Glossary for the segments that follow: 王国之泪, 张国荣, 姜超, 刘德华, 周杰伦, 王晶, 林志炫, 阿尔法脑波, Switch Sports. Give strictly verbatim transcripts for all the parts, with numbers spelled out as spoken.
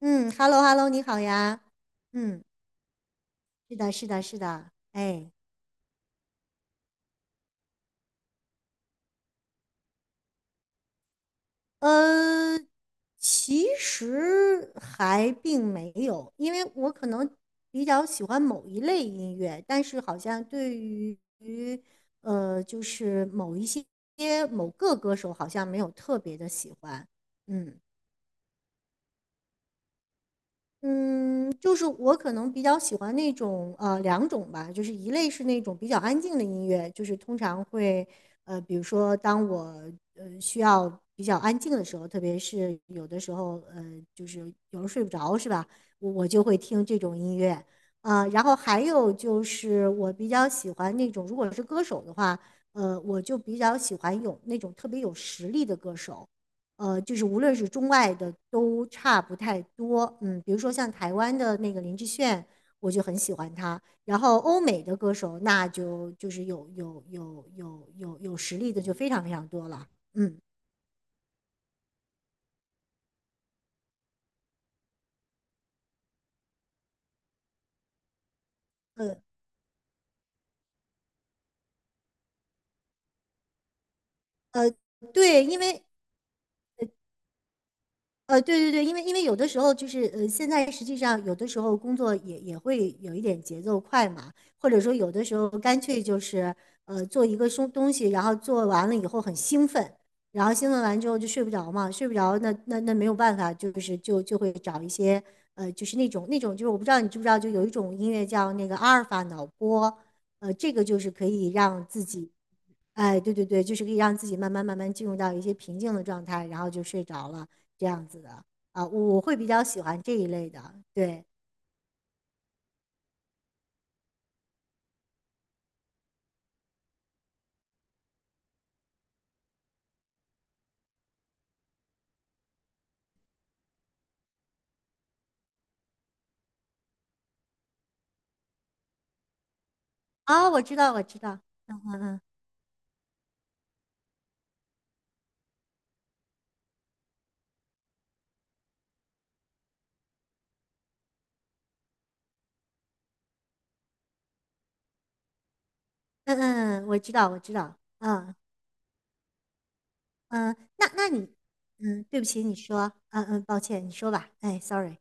嗯，hello hello，你好呀。嗯，是的，是的，是的。哎，呃，其实还并没有，因为我可能比较喜欢某一类音乐，但是好像对于呃，就是某一些某个歌手好像没有特别的喜欢。嗯。嗯，就是我可能比较喜欢那种呃两种吧，就是一类是那种比较安静的音乐，就是通常会呃，比如说当我呃需要比较安静的时候，特别是有的时候呃，就是有时候睡不着是吧，我我就会听这种音乐啊，然后还有就是我比较喜欢那种，如果是歌手的话，呃，我就比较喜欢有那种特别有实力的歌手。呃，就是无论是中外的都差不太多。嗯，比如说像台湾的那个林志炫，我就很喜欢他。然后欧美的歌手，那就就是有有有有有有实力的就非常非常多了。嗯，呃呃，对，因为呃，对对对，因为因为有的时候就是呃，现在实际上有的时候工作也也会有一点节奏快嘛，或者说有的时候干脆就是呃做一个东东西，然后做完了以后很兴奋，然后兴奋完之后就睡不着嘛，睡不着那那那没有办法，就是就就会找一些呃就是那种那种就是我不知道你知不知道，就有一种音乐叫那个阿尔法脑波，呃，这个就是可以让自己哎，对对对，就是可以让自己慢慢慢慢进入到一些平静的状态，然后就睡着了这样子的啊，我会比较喜欢这一类的。对哦，我知道，我知道，嗯嗯，嗯我知道，我知道，嗯嗯，那那你，嗯，对不起，你说，嗯嗯，抱歉，你说吧，哎，sorry。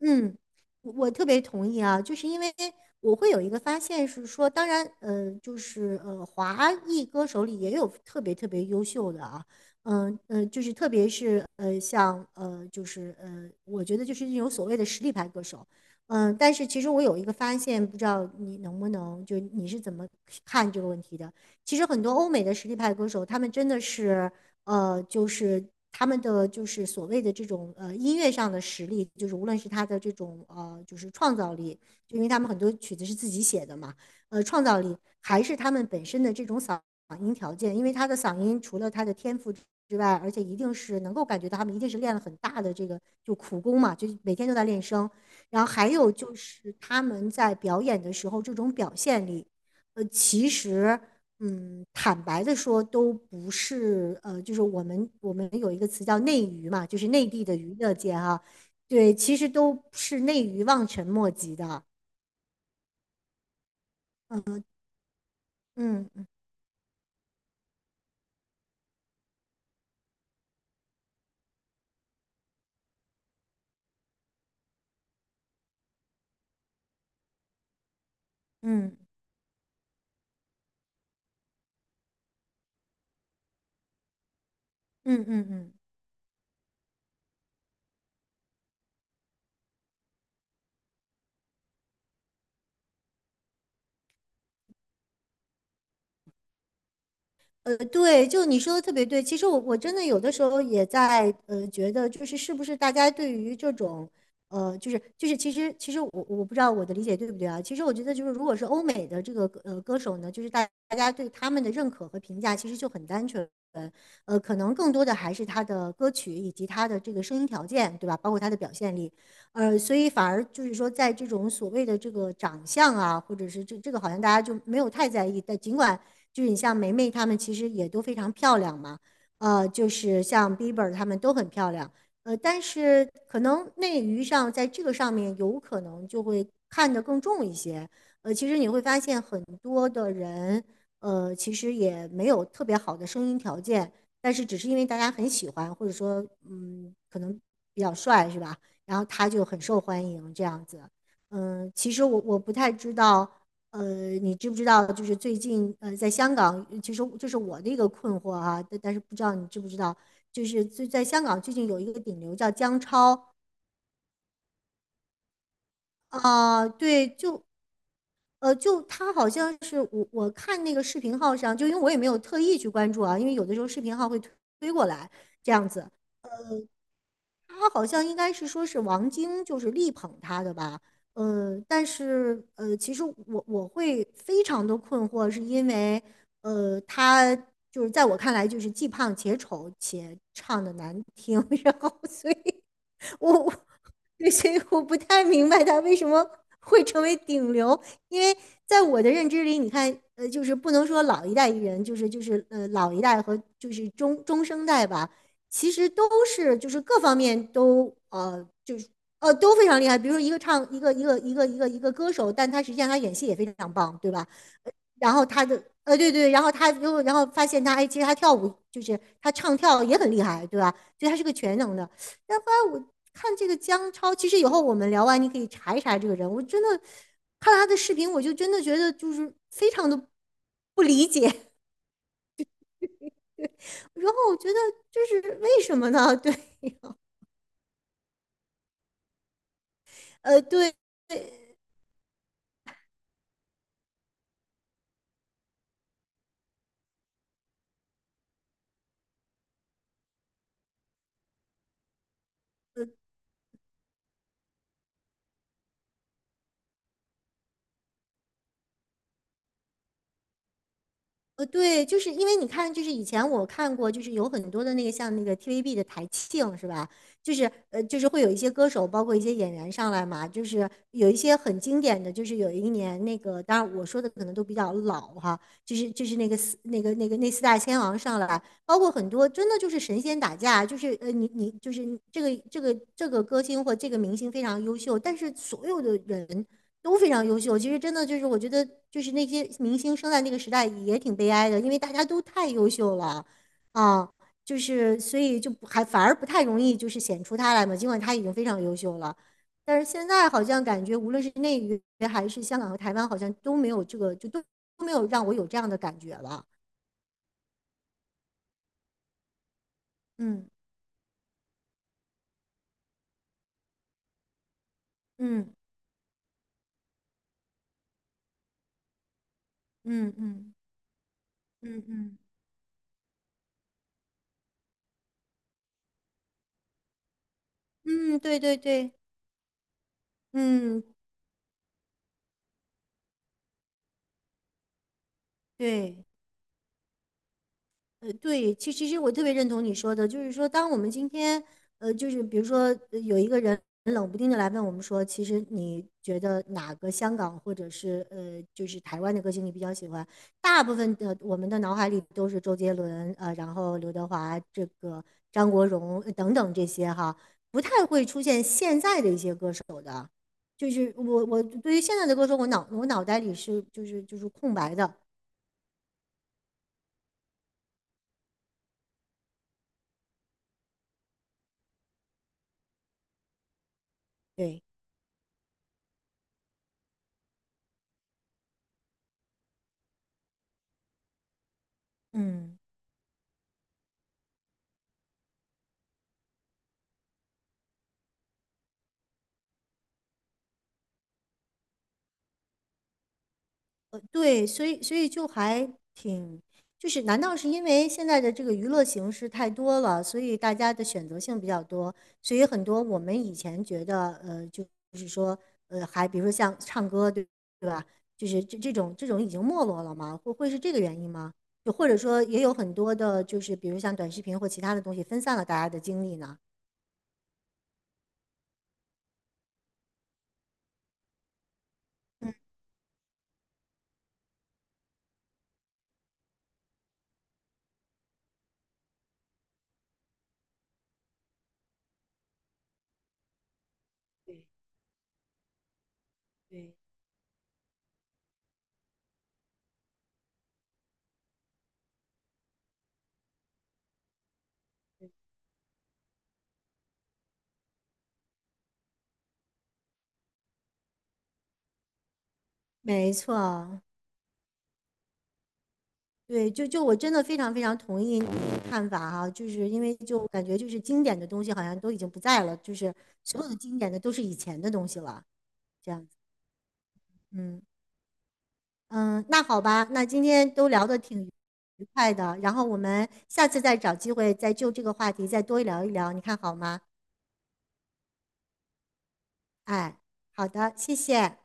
嗯，我我特别同意啊，就是因为我会有一个发现是说，当然，呃，就是呃，华裔歌手里也有特别特别优秀的啊，嗯、嗯，就是特别是呃，像呃，就是呃，我觉得就是那种所谓的实力派歌手，嗯、但是其实我有一个发现，不知道你能不能，就你是怎么看这个问题的？其实很多欧美的实力派歌手，他们真的是。呃，就是他们的就是所谓的这种呃音乐上的实力，就是无论是他的这种呃就是创造力，就因为他们很多曲子是自己写的嘛，呃，创造力还是他们本身的这种嗓音条件，因为他的嗓音除了他的天赋。之外，而且一定是能够感觉到他们一定是练了很大的这个就苦功嘛，就每天都在练声。然后还有就是他们在表演的时候这种表现力，呃，其实嗯，坦白的说，都不是呃，就是我们我们有一个词叫内娱嘛，就是内地的娱乐界哈、对，其实都是内娱望尘莫及的。嗯嗯嗯嗯嗯嗯嗯。呃，对，就你说的特别对。其实我我真的有的时候也在呃觉得，就是是不是大家对于这种呃，就是就是其实其实我我不知道我的理解对不对啊。其实我觉得就是如果是欧美的这个呃歌手呢，就是大大家对他们的认可和评价其实就很单纯，呃，可能更多的还是他的歌曲以及他的这个声音条件，对吧？包括他的表现力，呃，所以反而就是说在这种所谓的这个长相啊，或者是这这个好像大家就没有太在意，但尽管。就是你像梅梅她们其实也都非常漂亮嘛，呃，就是像 Bieber 她们都很漂亮，呃，但是可能内娱上在这个上面有可能就会看得更重一些，呃，其实你会发现很多的人，呃，其实也没有特别好的声音条件，但是只是因为大家很喜欢，或者说嗯，可能比较帅是吧？然后他就很受欢迎这样子。嗯，其实我我不太知道，呃，你知不知道？就是最近，呃，在香港，其实这是我的一个困惑啊，但但是不知道你知不知道，就是最在香港最近有一个顶流叫姜超啊、对，就呃，就他好像是我我看那个视频号上，就因为我也没有特意去关注啊，因为有的时候视频号会推推过来这样子，他好像应该是说是王晶就是力捧他的吧，呃，但是呃，其实我我会非常的困惑，是因为呃，他就是在我看来就是既胖且丑且唱的难听，然后所以我对，所以我不太明白他为什么会成为顶流，因为在我的认知里，你看，呃，就是不能说老一代艺人，就是就是呃老一代和就是中中生代吧，其实都是就是各方面都呃就是呃都非常厉害。比如说一个唱一个一个一个一个一个歌手，但他实际上他演戏也非常棒，对吧？然后他的呃，对对，然后他又然后发现他哎，其实他跳舞就是他唱跳也很厉害，对吧？所以他是个全能的。但后来我看这个姜超，其实以后我们聊完你可以查一查这个人，我真的看了他的视频，我就真的觉得就是非常的不理解，然后我觉得这是为什么呢？对，呃，对，呃，对，就是因为你看，就是以前我看过，就是有很多的那个像那个 T V B 的台庆是吧？就是呃，就是会有一些歌手，包括一些演员上来嘛，就是有一些很经典的，就是有一年那个，当然我说的可能都比较老哈，就是就是那个四那个那个那四大天王上来，包括很多真的就是神仙打架，就是呃你你就是这个这个这个歌星或这个明星非常优秀，但是所有的人。都非常优秀。其实真的就是，我觉得就是那些明星生在那个时代也挺悲哀的，因为大家都太优秀了，啊，就是所以就不还反而不太容易就是显出他来嘛。尽管他已经非常优秀了，但是现在好像感觉无论是内娱还是香港和台湾，好像都没有这个，就都都没有让我有这样的感觉了。嗯嗯嗯嗯嗯嗯嗯，对对对，嗯对。呃，对，其其实我特别认同你说的，就是说，当我们今天，呃，就是比如说，呃有一个人冷不丁的来问我们说，其实你觉得哪个香港或者是呃，就是台湾的歌星你比较喜欢？大部分的我们的脑海里都是周杰伦，呃，然后刘德华，这个张国荣，呃等等这些哈，不太会出现现在的一些歌手。就是我我对于现在的歌手，我脑我脑袋里是就是就是空白的，对，嗯。对，所以所以就还挺，就是难道是因为现在的这个娱乐形式太多了，所以大家的选择性比较多，所以很多我们以前觉得，呃，就是说，呃，还比如说像唱歌，对对吧？就是这这种这种已经没落了吗？会会是这个原因吗？就或者说也有很多的，就是比如像短视频或其他的东西分散了大家的精力呢？对对，没错，对，就就我真的非常非常同意你的看法哈、就是因为就感觉就是经典的东西好像都已经不在了，就是所有的经典的都是以前的东西了，这样子。嗯嗯，那好吧，那今天都聊得挺愉快的，然后我们下次再找机会再就这个话题再多聊一聊，你看好吗？哎，好的，谢谢。